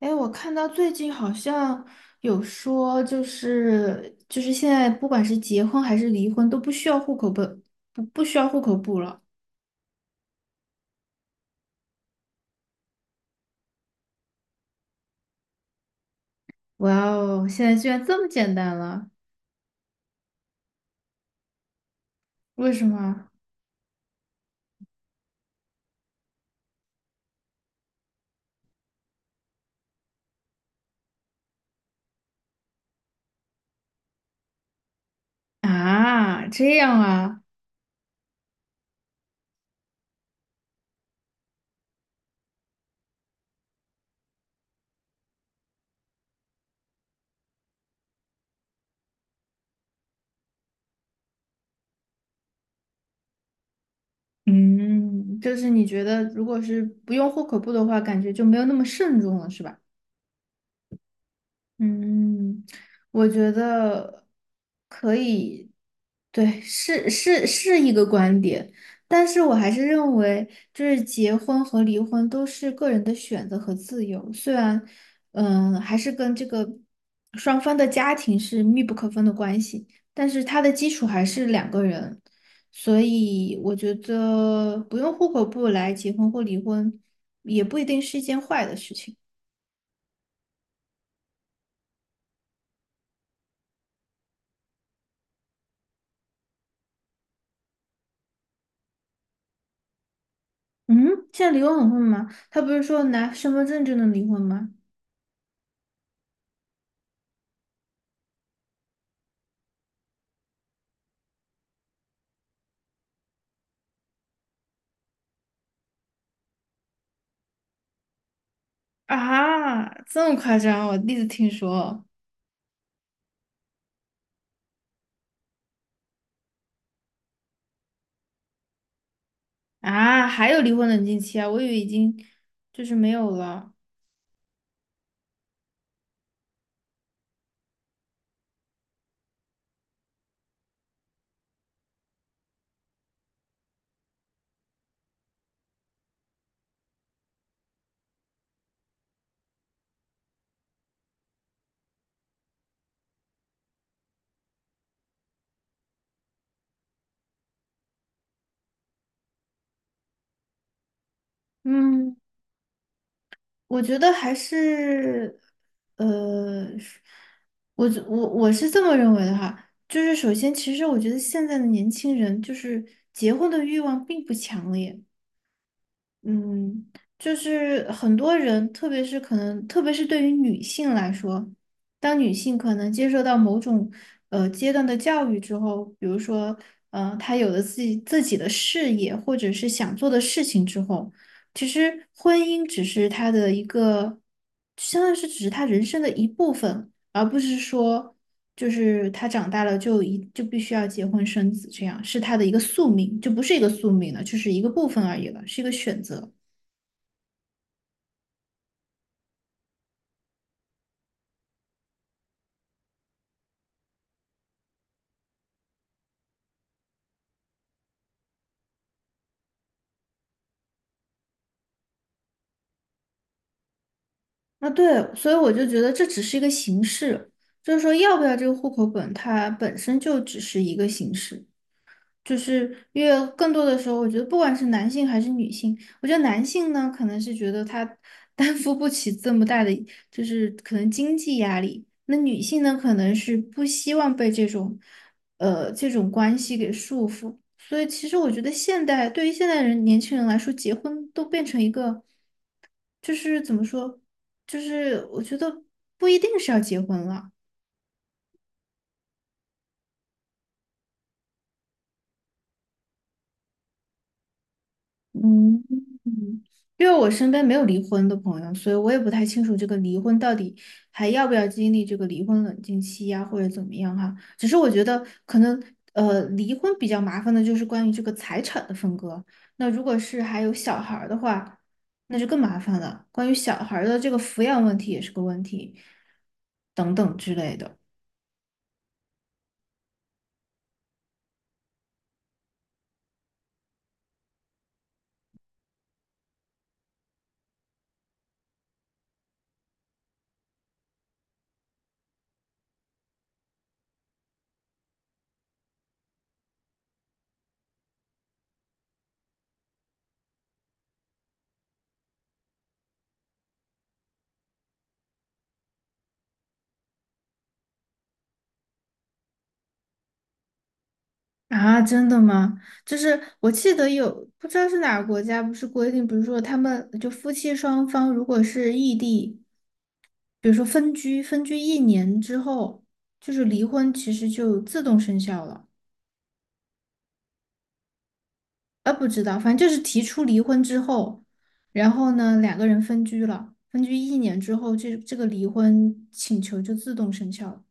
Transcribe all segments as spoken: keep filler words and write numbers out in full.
哎，我看到最近好像有说，就是就是现在不管是结婚还是离婚都不需要户口本，不不需要户口簿了。哇哦，现在居然这么简单了，为什么？啊，这样啊。嗯，就是你觉得如果是不用户口簿的话，感觉就没有那么慎重了，是吧？嗯，我觉得可以，对，是是是一个观点，但是我还是认为，就是结婚和离婚都是个人的选择和自由，虽然，嗯，还是跟这个双方的家庭是密不可分的关系，但是它的基础还是两个人，所以我觉得不用户口簿来结婚或离婚，也不一定是一件坏的事情。嗯，现在离婚很混吗？他不是说拿身份证就能离婚吗？啊，这么夸张？我第一次听说。啊，还有离婚冷静期啊，我以为已经就是没有了。嗯，我觉得还是，呃，是我觉我我是这么认为的哈。就是首先，其实我觉得现在的年轻人就是结婚的欲望并不强烈。嗯，就是很多人，特别是可能，特别是对于女性来说，当女性可能接受到某种呃阶段的教育之后，比如说，呃，她有了自己自己的事业或者是想做的事情之后，其实婚姻只是她的一个，相当于是只是她人生的一部分，而不是说就是他长大了就一就必须要结婚生子，这样是他的一个宿命，就不是一个宿命了，就是一个部分而已了，是一个选择。那对，所以我就觉得这只是一个形式，就是说要不要这个户口本，它本身就只是一个形式。就是因为更多的时候，我觉得不管是男性还是女性，我觉得男性呢，可能是觉得他 担负不起这么大的，就是可能经济压力；那女性呢，可能是不希望被这种，呃，这种关系给束缚。所以，其实我觉得现代对于现代人年轻人来说，结婚都变成一个，就是怎么说，就是我觉得不一定是要结婚了。嗯，嗯因为我身边没有离婚的朋友，所以我也不太清楚这个离婚到底还要不要经历这个离婚冷静期呀、或者怎么样哈。只是我觉得可能呃，离婚比较麻烦的就是关于这个财产的分割。那如果是还有小孩儿的话，那就更麻烦了。关于小孩儿的这个抚养问题也是个问题，等等之类的。啊，真的吗？就是我记得有，不知道是哪个国家，不是规定，比如说他们就夫妻双方如果是异地，比如说分居，分居一年之后，就是离婚其实就自动生效了。啊，不知道，反正就是提出离婚之后，然后呢，两个人分居了，分居一年之后，这这个离婚请求就自动生效了。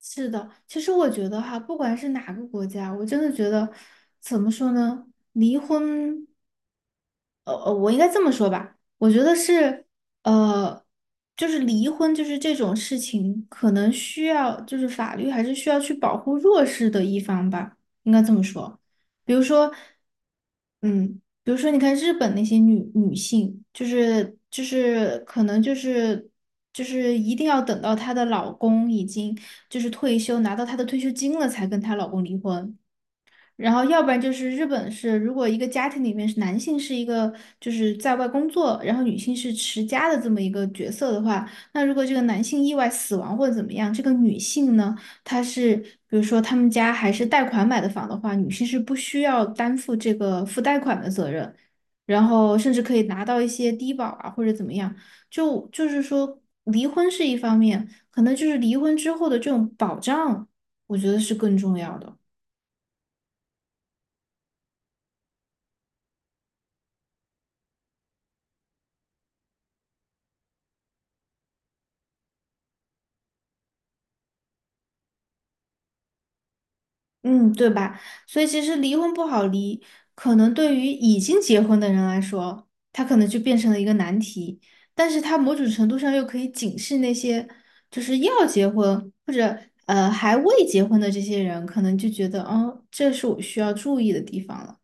是的，其实我觉得哈，不管是哪个国家，我真的觉得怎么说呢，离婚。呃呃，我应该这么说吧，我觉得是，呃，就是离婚就是这种事情，可能需要就是法律还是需要去保护弱势的一方吧，应该这么说。比如说，嗯，比如说你看日本那些女女性，就是就是可能就是就是一定要等到她的老公已经就是退休拿到她的退休金了，才跟她老公离婚。然后要不然就是日本是，如果一个家庭里面是男性是一个就是在外工作，然后女性是持家的这么一个角色的话，那如果这个男性意外死亡或者怎么样，这个女性呢，她是比如说他们家还是贷款买的房的话，女性是不需要担负这个付贷款的责任，然后甚至可以拿到一些低保啊或者怎么样，就就是说离婚是一方面，可能就是离婚之后的这种保障，我觉得是更重要的。嗯，对吧？所以其实离婚不好离，可能对于已经结婚的人来说，他可能就变成了一个难题，但是他某种程度上又可以警示那些就是要结婚或者呃还未结婚的这些人，可能就觉得哦，这是我需要注意的地方了。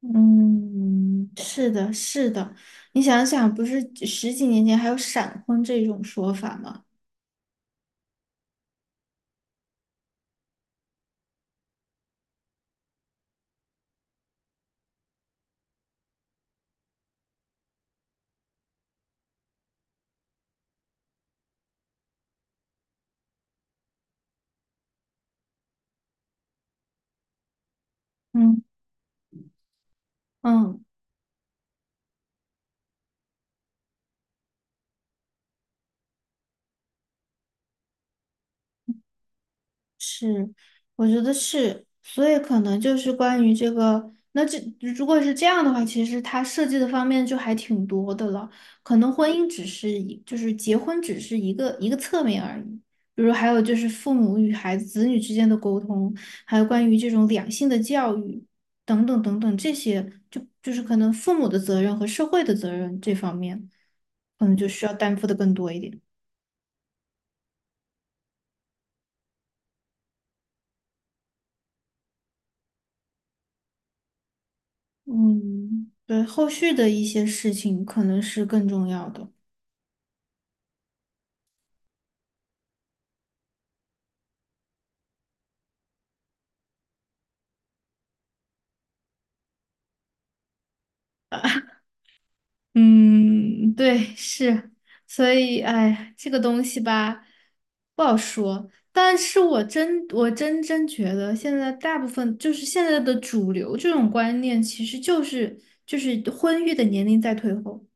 嗯，是的，是的，你想想，不是十几年前还有闪婚这种说法吗？嗯嗯。是，我觉得是，所以可能就是关于这个，那这如果是这样的话，其实它设计的方面就还挺多的了。可能婚姻只是一，就是结婚只是一个一个侧面而已。比如还有就是父母与孩子、子女之间的沟通，还有关于这种两性的教育等等等等这些，就就是可能父母的责任和社会的责任这方面，可能就需要担负的更多一点。嗯，对，后续的一些事情可能是更重要的。嗯，对，是，所以，哎，这个东西吧，不好说。但是我真，我真真觉得，现在大部分就是现在的主流这种观念，其实就是就是婚育的年龄在退后。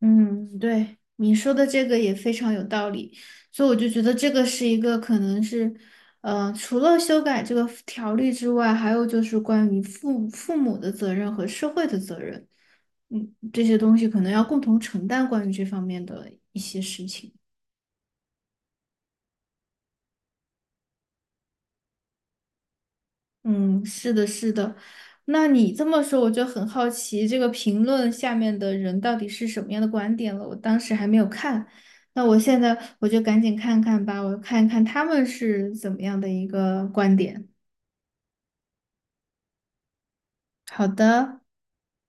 嗯，对，你说的这个也非常有道理，所以我就觉得这个是一个可能是，呃，除了修改这个条例之外，还有就是关于父父母的责任和社会的责任，嗯，这些东西可能要共同承担关于这方面的一些事情。嗯，是的，是的。那你这么说，我就很好奇，这个评论下面的人到底是什么样的观点了？我当时还没有看，那我现在我就赶紧看看吧，我看一看他们是怎么样的一个观点。好的。